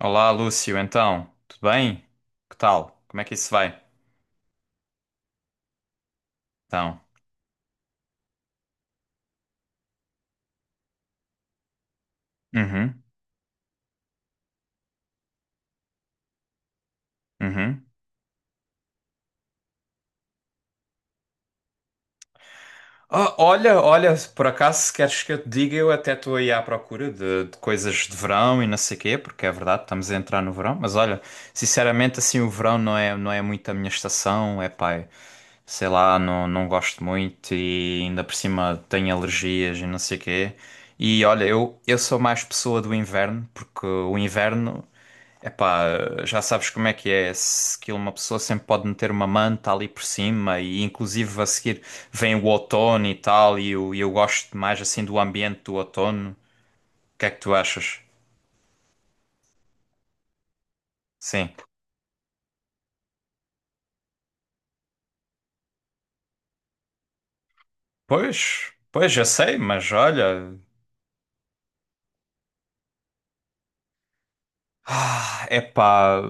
Olá, Lúcio, então, tudo bem? Que tal? Como é que isso vai? Então, uhum, uhum. Ah, olha, olha, por acaso, se queres que eu te diga, eu até estou aí à procura de coisas de verão e não sei quê, porque é verdade, estamos a entrar no verão, mas olha, sinceramente, assim, o verão não é muito a minha estação, é pá, é, sei lá, não, não gosto muito e ainda por cima tenho alergias e não sei quê. E olha, eu sou mais pessoa do inverno, porque o inverno, epá, já sabes como é que é, se que uma pessoa sempre pode meter uma manta ali por cima e inclusive a seguir vem o outono e tal, e eu gosto mais assim do ambiente do outono. O que é que tu achas? Sim. Pois, pois, já sei, mas olha. Ah, epá,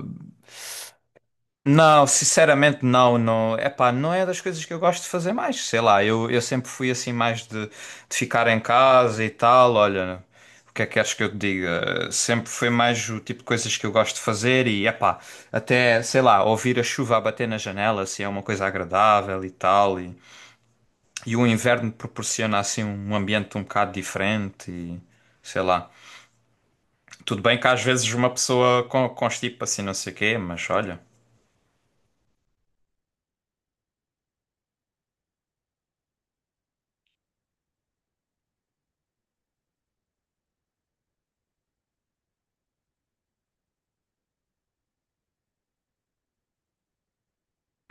não, sinceramente não, não, epá, não é das coisas que eu gosto de fazer mais, sei lá, eu sempre fui assim mais de ficar em casa e tal, olha, o que é que queres que eu te diga? Sempre foi mais o tipo de coisas que eu gosto de fazer e, epá, até, sei lá, ouvir a chuva a bater na janela, assim, é uma coisa agradável e tal, e o inverno proporciona assim um ambiente um bocado diferente e sei lá. Tudo bem que às vezes uma pessoa constipa assim não sei o quê, mas olha.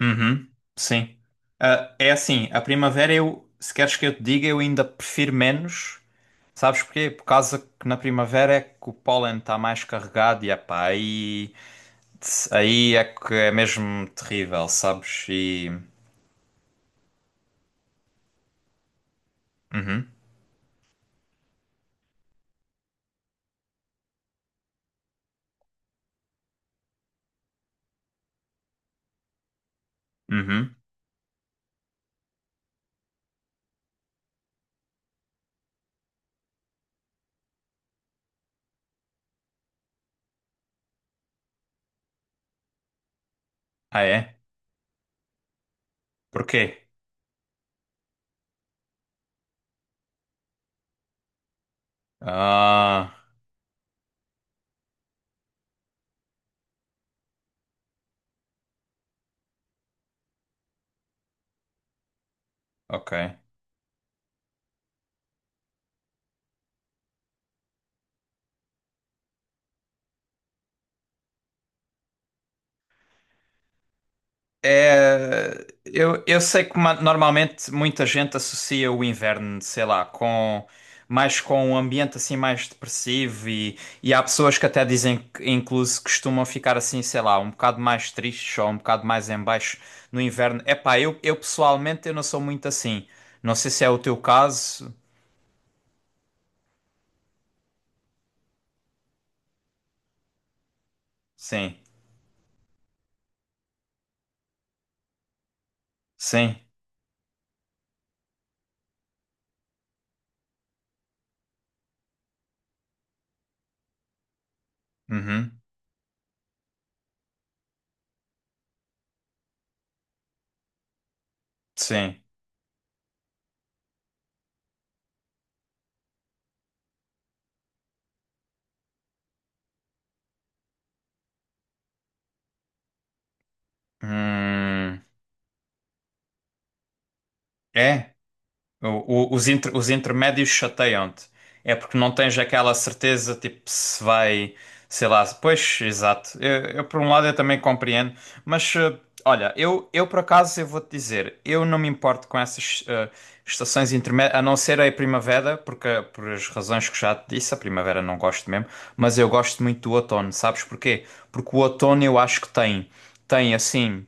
Uhum, sim. Ah, é assim, a primavera eu, se queres que eu te diga, eu ainda prefiro menos. Sabes porquê? Por causa que na primavera é que o pólen está mais carregado e epá, aí, aí é que é mesmo terrível, sabes? E. Uhum, uhum. Ah, é? Porquê? Ah, ok. É, eu sei que normalmente muita gente associa o inverno, sei lá, com mais com um ambiente assim mais depressivo e há pessoas que até dizem que incluso costumam ficar assim, sei lá, um bocado mais tristes ou um bocado mais em baixo no inverno. Epá, eu pessoalmente eu não sou muito assim. Não sei se é o teu caso. Sim, sim, uhum, sim. Hum, é? O- os, os intermédios chateiam-te. É porque não tens aquela certeza, tipo, se vai, sei lá, pois, exato. Eu, por um lado eu também compreendo, mas olha, eu por acaso eu vou-te dizer, eu não me importo com essas estações intermédias, a não ser a primavera, porque por as razões que já te disse, a primavera não gosto mesmo, mas eu gosto muito do outono, sabes porquê? Porque o outono eu acho que tem, tem assim.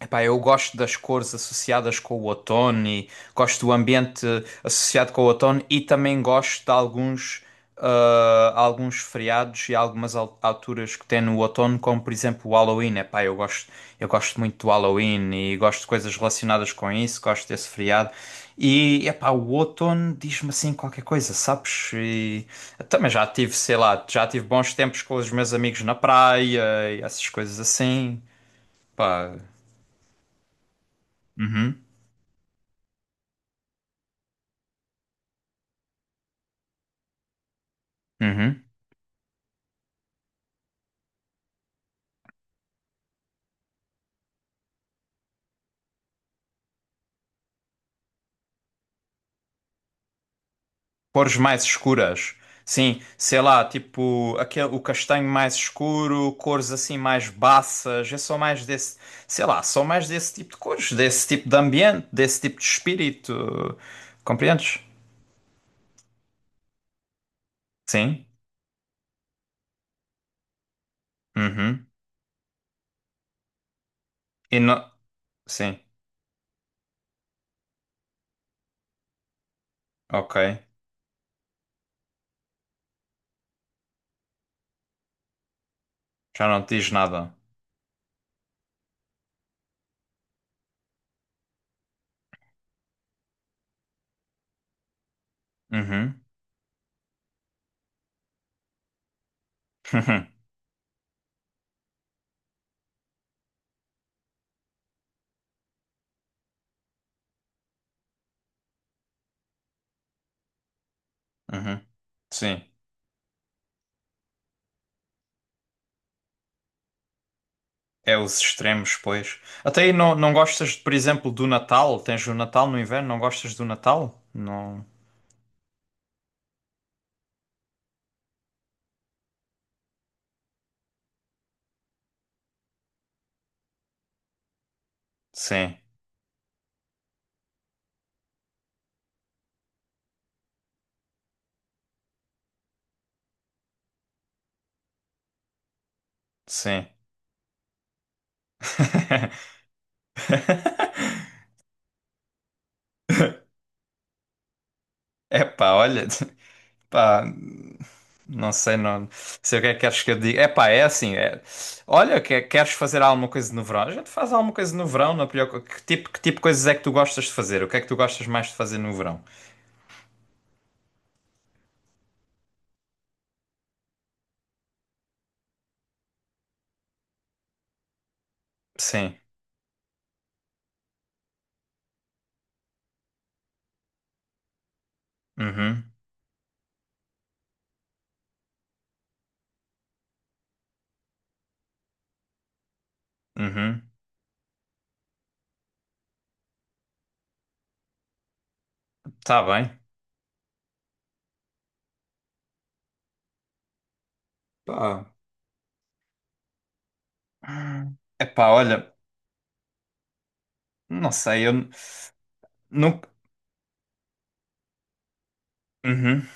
Epá, eu gosto das cores associadas com o outono e gosto do ambiente associado com o outono e também gosto de alguns, ah, alguns feriados e algumas alturas que tem no outono, como por exemplo o Halloween. Epá, eu gosto muito do Halloween e gosto de coisas relacionadas com isso, gosto desse feriado. E epá, o outono diz-me assim qualquer coisa, sabes? E eu também já tive, sei lá, já tive bons tempos com os meus amigos na praia e essas coisas assim. Pá. Uhum. Uhum. Cores mais escuras. Sim, sei lá, tipo aquele, o castanho mais escuro, cores assim mais baças, é só mais desse, sei lá, só mais desse tipo de cores, desse tipo de ambiente, desse tipo de espírito. Compreendes? Sim. Uhum. E não. Sim, ok. Já não te diz nada. Uhum. Uhum. Sim. É os extremos, pois. Até aí não, não gostas, por exemplo, do Natal? Tens o Natal no inverno? Não gostas do Natal? Não. Sim. Sim. Epá, olha, pá, não sei, não sei o que é que queres que eu diga. Epá, é assim, é, olha, que, queres fazer alguma coisa no verão? A gente faz alguma coisa no verão, não é pior, que tipo de coisas é que tu gostas de fazer? O que é que tu gostas mais de fazer no verão? Sim. Uhum, uhum. Tá bem. Pá. Epá, olha, não sei, nunca. Uhum.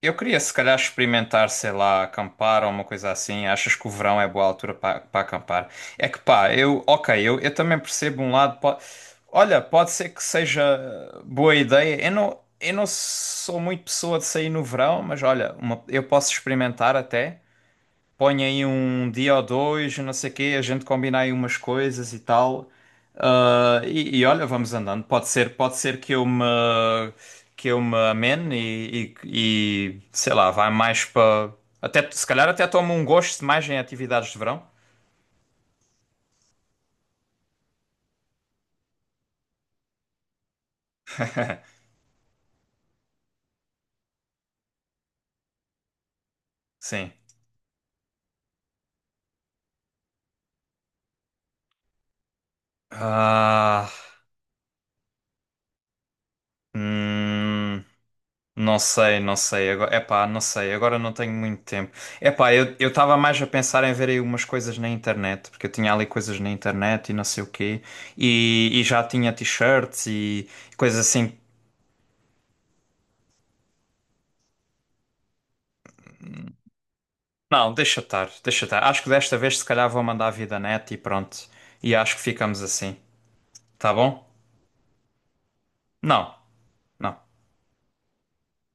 Eu queria, se calhar, experimentar, sei lá, acampar ou uma coisa assim. Achas que o verão é boa altura para acampar? É que pá, eu, ok, eu também percebo um lado. Olha, pode ser que seja boa ideia. Eu não sou muito pessoa de sair no verão, mas olha, eu posso experimentar até põe aí um dia ou dois, não sei o quê, a gente combina aí umas coisas e tal. Ah, e olha, vamos andando. Pode ser que que eu me amene e, sei lá, vai mais para. Até, se calhar até tomo um gosto mais em atividades de verão. Sim. Ah, hum. Não sei, não sei. Agora, epá, não sei. Agora não tenho muito tempo. Epá, eu estava mais a pensar em ver aí umas coisas na internet, porque eu tinha ali coisas na internet e não sei o quê. E já tinha t-shirts e coisas assim. Não, deixa estar, deixa estar. Acho que desta vez se calhar vou mandar a vida net e pronto. E acho que ficamos assim. Tá bom? Não, não.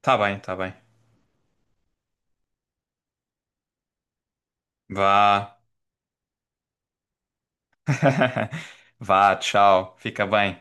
Tá bem, tá bem. Vá. Vá, tchau. Fica bem.